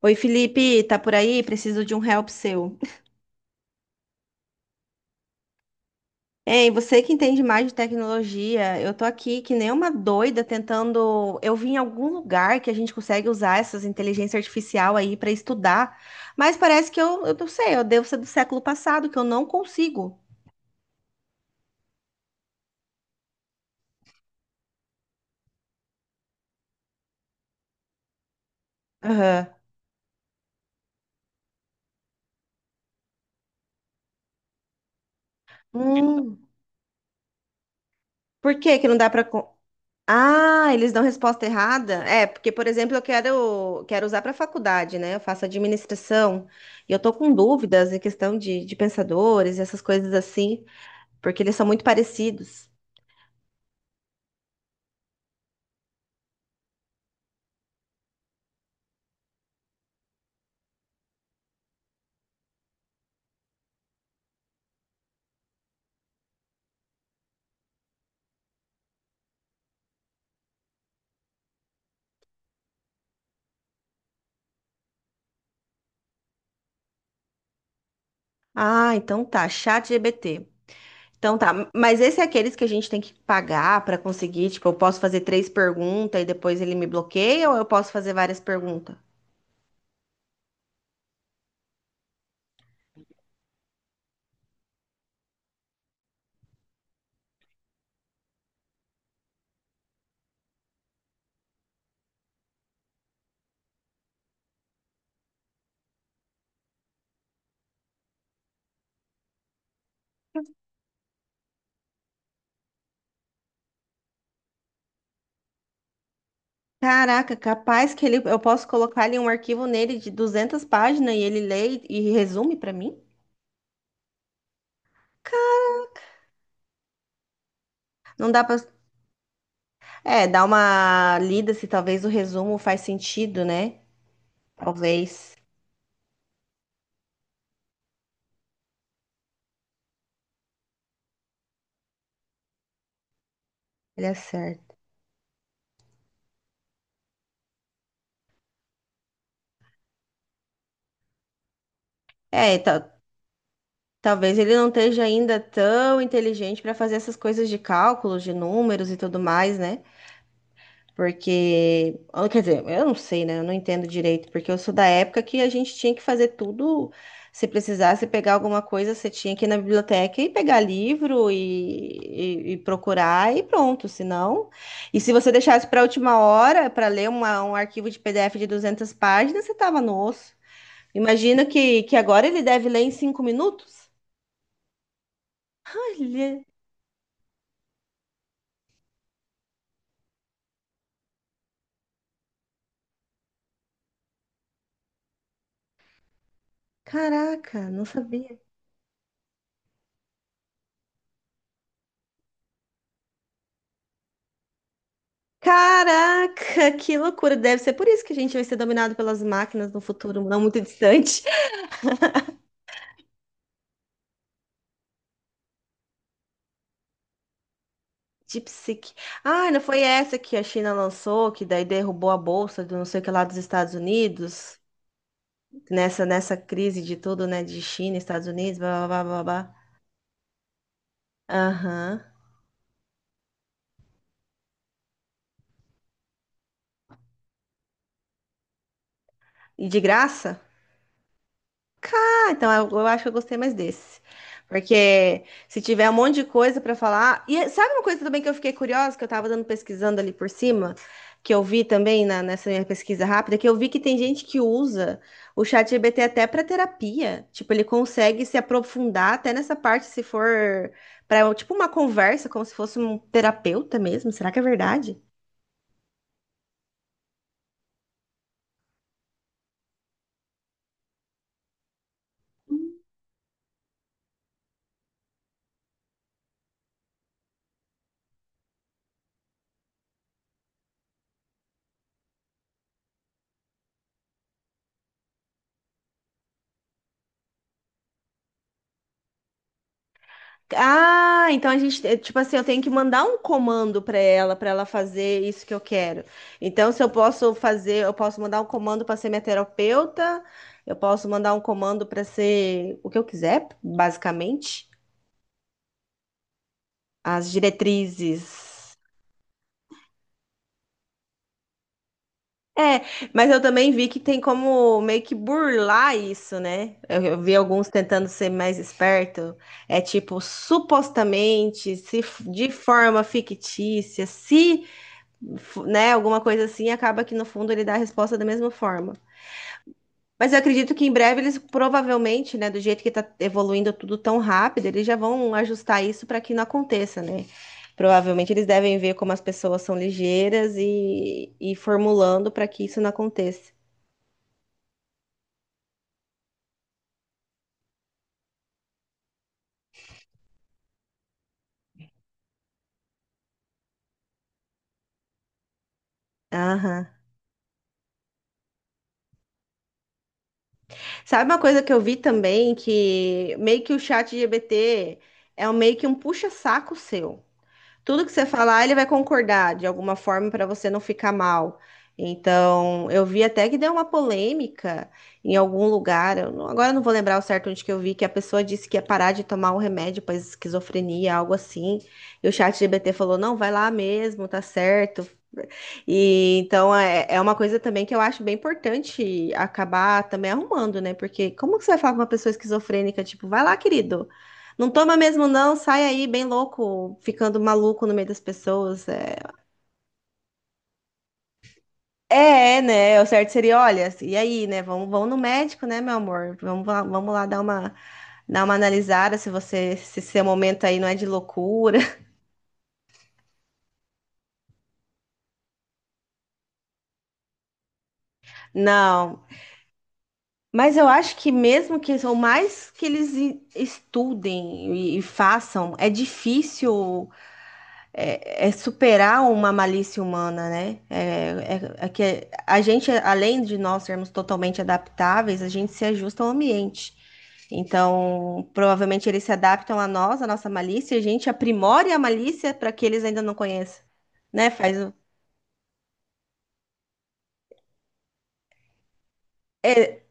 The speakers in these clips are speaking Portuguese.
Oi, Felipe, tá por aí? Preciso de um help seu. Ei, você que entende mais de tecnologia, eu tô aqui que nem uma doida tentando. Eu vi em algum lugar que a gente consegue usar essas inteligência artificial aí pra estudar, mas parece que eu não sei, eu devo ser do século passado, que eu não consigo. Aham. Hum, por que que não dá pra. Ah, eles dão resposta errada? É, porque, por exemplo, eu quero usar para faculdade, né? Eu faço administração e eu tô com dúvidas em questão de pensadores, essas coisas assim, porque eles são muito parecidos. Ah, então tá, chat GBT. Então tá, mas esse é aqueles que a gente tem que pagar para conseguir, tipo, eu posso fazer três perguntas e depois ele me bloqueia ou eu posso fazer várias perguntas? Caraca, capaz que ele, eu posso colocar ali um arquivo nele de 200 páginas e ele lê e resume para mim? Não dá pra. É, dá uma lida se talvez o resumo faz sentido, né? Talvez ele acerte. É, talvez ele não esteja ainda tão inteligente para fazer essas coisas de cálculos, de números e tudo mais, né? Porque, ah, quer dizer, eu não sei, né? Eu não entendo direito, porque eu sou da época que a gente tinha que fazer tudo. Se precisasse pegar alguma coisa, você tinha que ir na biblioteca e pegar livro e, e procurar e pronto. Se não, e se você deixasse para a última hora para ler um arquivo de PDF de 200 páginas, você tava no osso. Imagina que agora ele deve ler em 5 minutos. Olha, caraca, não sabia. Caraca, que loucura! Deve ser por isso que a gente vai ser dominado pelas máquinas no futuro não muito distante. Deep Seek. Ah, não foi essa que a China lançou, que daí derrubou a bolsa do não sei o que lá dos Estados Unidos? Nessa crise de tudo, né? De China, Estados Unidos, blá blá blá blá blá. Aham. E de graça? Cá, então eu acho que eu gostei mais desse. Porque se tiver um monte de coisa pra falar. E sabe uma coisa também que eu fiquei curiosa, que eu tava dando pesquisando ali por cima, que eu vi também nessa minha pesquisa rápida, que eu vi que tem gente que usa o chat GPT até pra terapia. Tipo, ele consegue se aprofundar até nessa parte, se for para tipo uma conversa, como se fosse um terapeuta mesmo. Será que é verdade? Ah, então a gente, é, tipo assim, eu tenho que mandar um comando para ela fazer isso que eu quero. Então, se eu posso fazer, eu posso mandar um comando para ser minha terapeuta, eu posso mandar um comando para ser o que eu quiser, basicamente, as diretrizes. É, mas eu também vi que tem como meio que burlar isso, né? Eu vi alguns tentando ser mais esperto. É tipo, supostamente, se f- de forma fictícia, se f- né, alguma coisa assim, acaba que no fundo ele dá a resposta da mesma forma. Mas eu acredito que em breve eles provavelmente, né, do jeito que está evoluindo tudo tão rápido, eles já vão ajustar isso para que não aconteça, né? Provavelmente eles devem ver como as pessoas são ligeiras e formulando para que isso não aconteça. Aham. Sabe uma coisa que eu vi também, que meio que o chat GBT é meio que um puxa-saco seu. Tudo que você falar, ele vai concordar de alguma forma para você não ficar mal. Então, eu vi até que deu uma polêmica em algum lugar. Eu não- Agora eu não vou lembrar o certo onde que eu vi que a pessoa disse que ia parar de tomar o remédio para esquizofrenia, algo assim. E o chat G B T falou: "Não, vai lá mesmo, tá certo". E então é uma coisa também que eu acho bem importante acabar também arrumando, né? Porque como que você vai falar com uma pessoa esquizofrênica, tipo, vai lá, querido, não toma mesmo, não. Sai aí bem louco, ficando maluco no meio das pessoas. O certo seria, olha, e aí, né? Vamos no médico, né, meu amor? Vamos lá dar uma analisada se você, se seu momento aí não é de loucura. Não. Mas eu acho que mesmo que, ou mais que eles estudem e façam, é difícil é superar uma malícia humana, né? É que a gente, além de nós sermos totalmente adaptáveis, a gente se ajusta ao ambiente. Então, provavelmente eles se adaptam a nós, a nossa malícia, e a gente aprimora a malícia para que eles ainda não conheçam, né? É,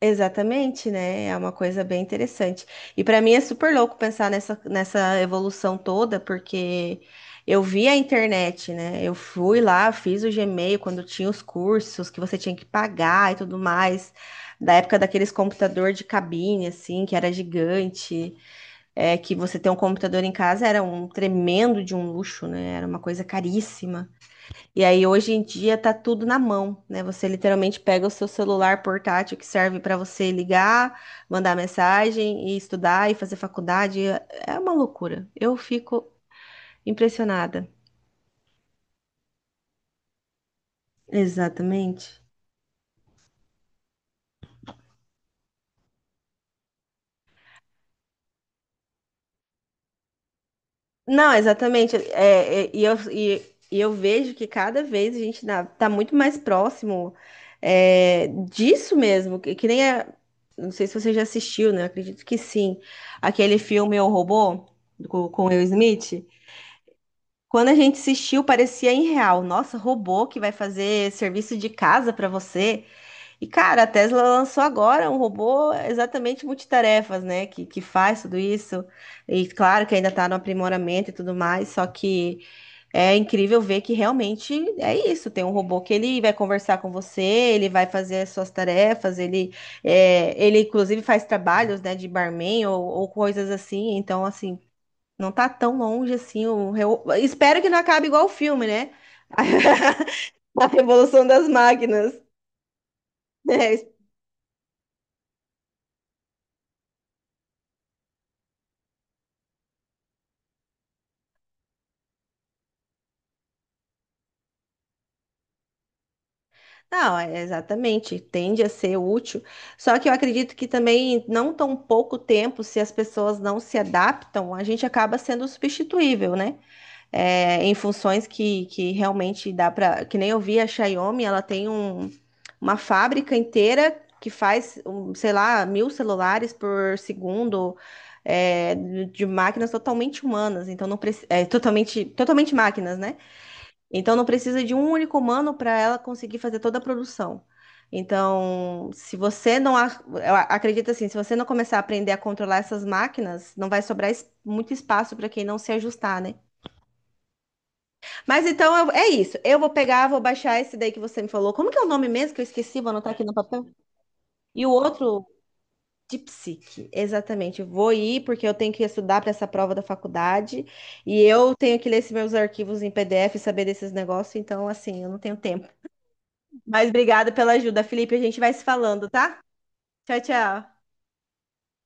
Exatamente, né? É uma coisa bem interessante. E para mim é super louco pensar nessa evolução toda, porque eu vi a internet, né? Eu fui lá, fiz o Gmail quando tinha os cursos que você tinha que pagar e tudo mais, da época daqueles computador de cabine, assim, que era gigante, é, que você ter um computador em casa era um tremendo de um luxo, né? Era uma coisa caríssima. E aí hoje em dia tá tudo na mão, né? Você literalmente pega o seu celular portátil que serve para você ligar, mandar mensagem e estudar e fazer faculdade. É uma loucura. Eu fico impressionada. Exatamente. Não, exatamente. E eu vejo que cada vez tá, muito mais próximo é, disso mesmo. Que nem a, não sei se você já assistiu, né? Eu acredito que sim. Aquele filme O Robô, com Will Smith. Quando a gente assistiu, parecia irreal. Nossa, robô que vai fazer serviço de casa para você. E, cara, a Tesla lançou agora um robô exatamente multitarefas, né? Que faz tudo isso. E claro que ainda está no aprimoramento e tudo mais. Só que é incrível ver que realmente é isso. Tem um robô que ele vai conversar com você, ele vai fazer as suas tarefas, ele, é, ele inclusive faz trabalhos, né, de barman ou coisas assim. Então, assim, não tá tão longe assim. Espero que não acabe igual o filme, né? A Revolução das Máquinas. É, Não, é exatamente. Tende a ser útil. Só que eu acredito que também, não tão pouco tempo, se as pessoas não se adaptam, a gente acaba sendo substituível, né? é, em funções que realmente dá para. Que nem eu vi a Xiaomi, ela tem uma fábrica inteira que faz, um, sei lá, 1.000 celulares por segundo, é, de máquinas totalmente humanas, então não preci- é, totalmente, totalmente máquinas, né? Então não precisa de um único humano para ela conseguir fazer toda a produção. Então, se você não ac- eu a- acredito assim, se você não começar a aprender a controlar essas máquinas, não vai sobrar es- muito espaço para quem não se ajustar, né? É isso. Eu vou pegar, vou baixar esse daí que você me falou. Como que é o nome mesmo que eu esqueci? Vou anotar aqui no papel. E o outro, de psique. Exatamente. Vou ir porque eu tenho que estudar para essa prova da faculdade e eu tenho que ler esses meus arquivos em PDF e saber desses negócios. Então, assim, eu não tenho tempo. Mas obrigada pela ajuda, Felipe. A gente vai se falando, tá? Tchau, tchau.